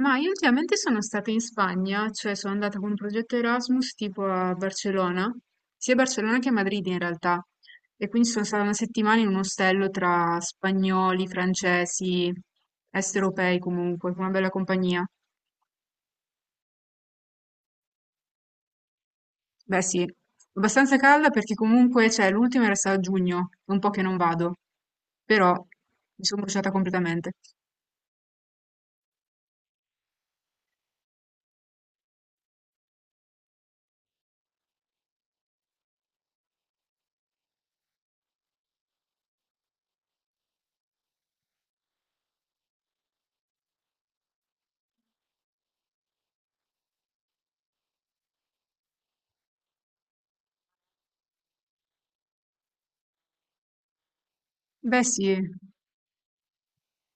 Ma io ultimamente sono stata in Spagna, cioè sono andata con un progetto Erasmus tipo a Barcellona, sia a Barcellona che a Madrid in realtà. E quindi sono stata una settimana in un ostello tra spagnoli, francesi, est europei comunque, con una bella compagnia. Beh sì, abbastanza calda perché comunque, cioè, l'ultimo era stato a giugno, è un po' che non vado, però mi sono bruciata completamente. Beh sì,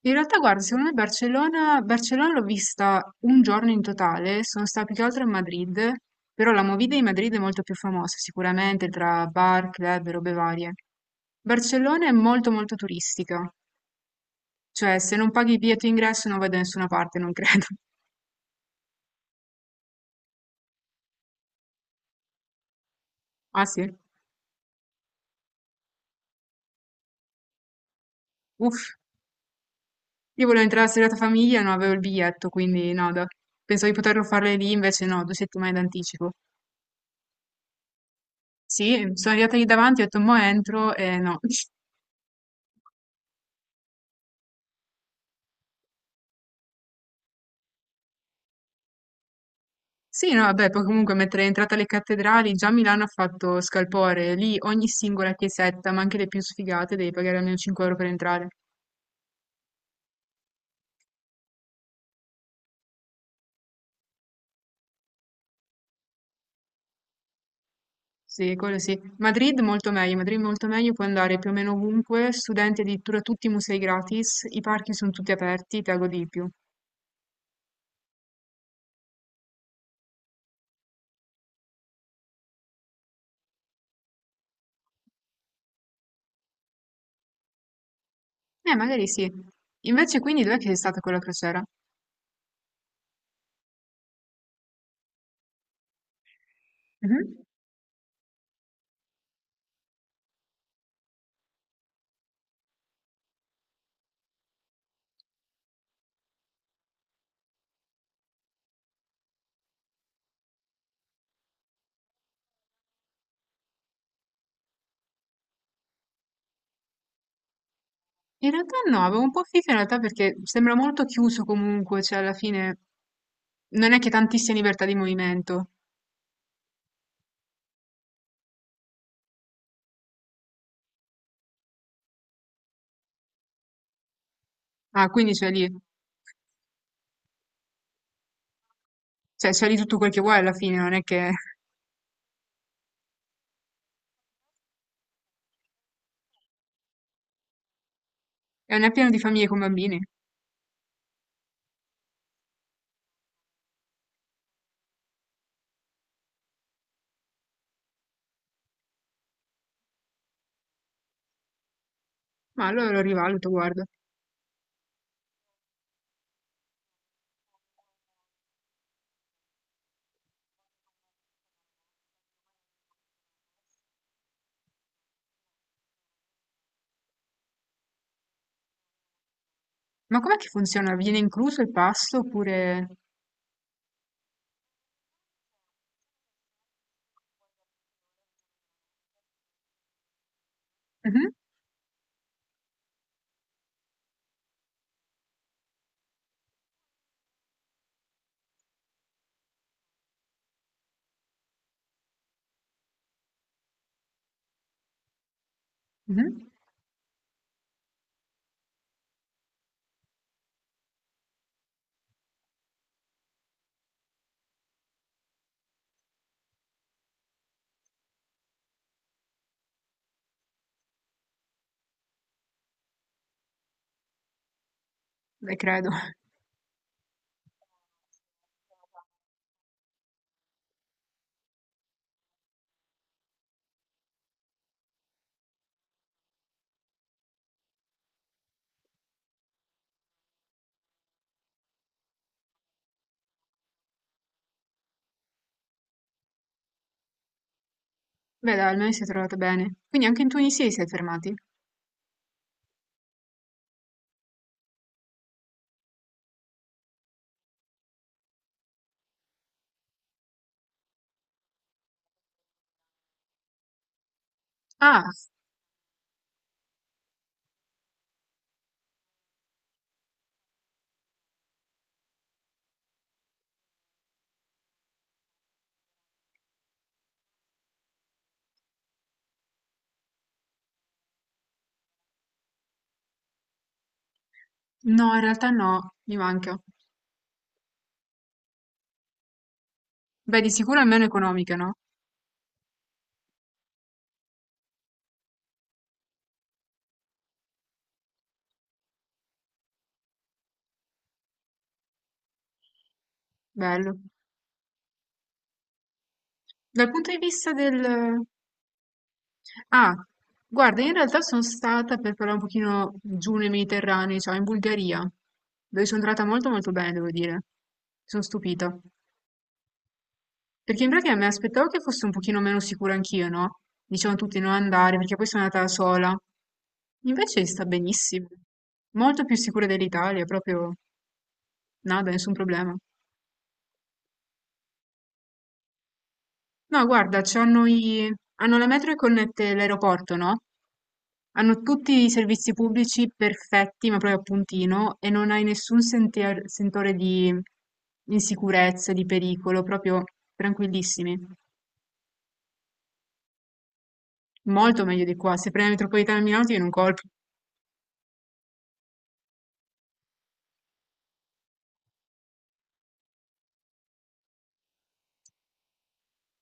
in realtà, guarda, secondo me Barcellona l'ho vista un giorno in totale, sono stata più che altro a Madrid, però la movida di Madrid è molto più famosa sicuramente tra bar, club e robe varie. Barcellona è molto molto turistica, cioè se non paghi il biglietto d'ingresso non vai da nessuna parte, non credo. Ah sì? Uff, io volevo entrare la serata famiglia e non avevo il biglietto, quindi no, pensavo di poterlo fare lì, invece no, 2 settimane d'anticipo. Sì, sono arrivata lì davanti, ho detto mo entro e no. Sì, no, vabbè, poi comunque mentre è entrata alle cattedrali, già Milano ha fatto scalpore, lì ogni singola chiesetta, ma anche le più sfigate, devi pagare almeno 5 euro per entrare. Sì, quello sì. Madrid molto meglio, puoi andare più o meno ovunque, studenti addirittura tutti i musei gratis, i parchi sono tutti aperti, te la godi di più. Magari sì. Invece quindi dov'è che sei stata quella crociera? Mhm. In realtà no, avevo un po' figa in realtà perché sembra molto chiuso comunque, cioè alla fine non è che tantissima libertà di movimento. Ah, quindi c'è lì. Cioè, c'è di tutto quel che vuoi alla fine, non è che. E non è un pieno di famiglie con bambini. Ma allora lo rivaluto, guarda. Ma com'è che funziona? Viene incluso il pasto oppure. Mhm, mhm. Beh, credo. Beh, dai, almeno si è trovata bene. Quindi anche in Tunisia vi siete fermati? Ah, no, in realtà no, mi manca. Beh, di sicuro è meno economica, no? Bello. Dal punto di vista del. Ah, guarda, in realtà sono stata per parlare un pochino giù nei Mediterranei, cioè in Bulgaria, dove sono entrata molto molto bene, devo dire. Sono stupita. Perché in pratica mi aspettavo che fosse un pochino meno sicura anch'io, no? Dicevano tutti non andare, perché poi sono andata da sola. Invece sta benissimo. Molto più sicura dell'Italia, proprio nada, nessun problema. No, guarda, hanno la metro che connette l'aeroporto, no? Hanno tutti i servizi pubblici perfetti, ma proprio a puntino, e non hai nessun sentore di insicurezza, di pericolo, proprio tranquillissimi. Molto meglio di qua. Se prendi la metropolitana a Milano ti viene un colpo.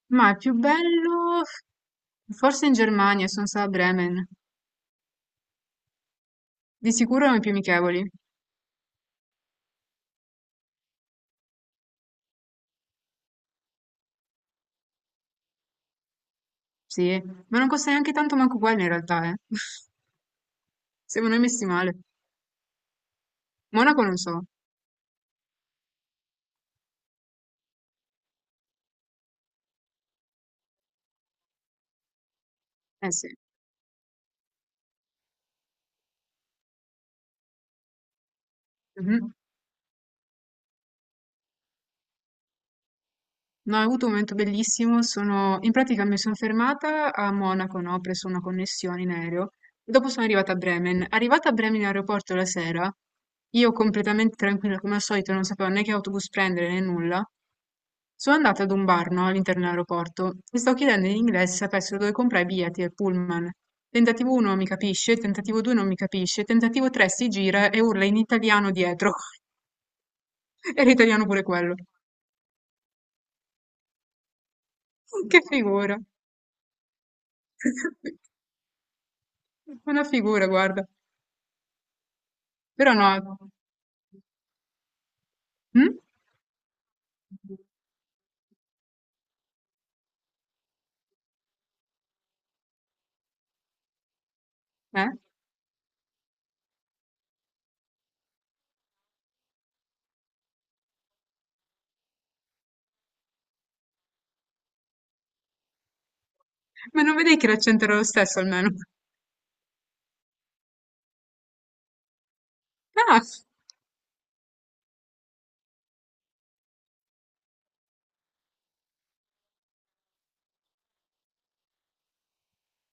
Ma è più bello, forse in Germania, sono stata a Bremen. Di sicuro erano i più amichevoli. Sì, ma non costa neanche tanto manco quello in realtà, eh. Siamo noi messi male. Monaco non so. Eh sì. Mhm. No, ho avuto un momento bellissimo, in pratica mi sono fermata a Monaco, no? Ho preso una connessione in aereo e dopo sono arrivata a Bremen. Arrivata a Bremen in aeroporto la sera, io completamente tranquilla come al solito, non sapevo né che autobus prendere né nulla, sono andata ad un bar, no? All'interno dell'aeroporto e sto chiedendo in inglese se sapessero dove comprare i biglietti del pullman. Tentativo 1 mi capisce, tentativo 2 non mi capisce, tentativo 3 si gira e urla in italiano dietro. Era italiano pure quello. Che figura. Buona figura, guarda. Però no. Mh? Eh? Ma non vedevi che l'accento era lo stesso almeno? Ah!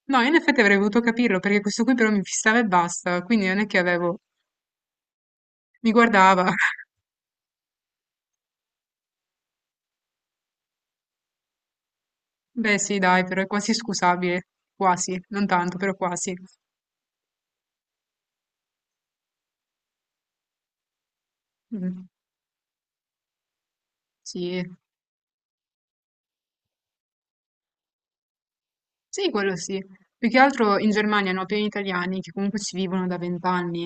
No, in effetti avrei potuto capirlo perché questo qui però mi fissava e basta, quindi non è che avevo. Mi guardava. Beh, sì, dai, però è quasi scusabile. Quasi, non tanto, però quasi. Mm, sì, sì, quello sì. Più che altro in Germania hanno pieni italiani che comunque ci vivono da 20 anni.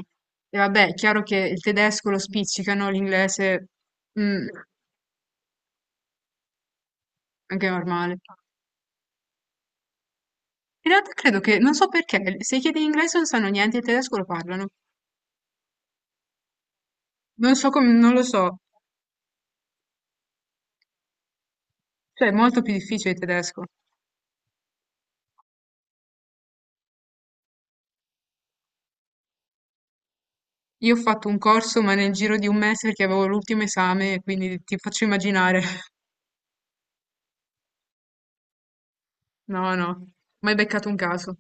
E vabbè, è chiaro che il tedesco lo spiccicano, l'inglese. Mm, anche normale. In realtà credo che, non so perché, se chiedi in inglese non sanno niente, il tedesco lo parlano. Non so come, non lo so. Cioè, è molto più difficile il tedesco. Io ho fatto un corso, ma nel giro di un mese perché avevo l'ultimo esame, quindi ti faccio immaginare. No, no, mai beccato un caso.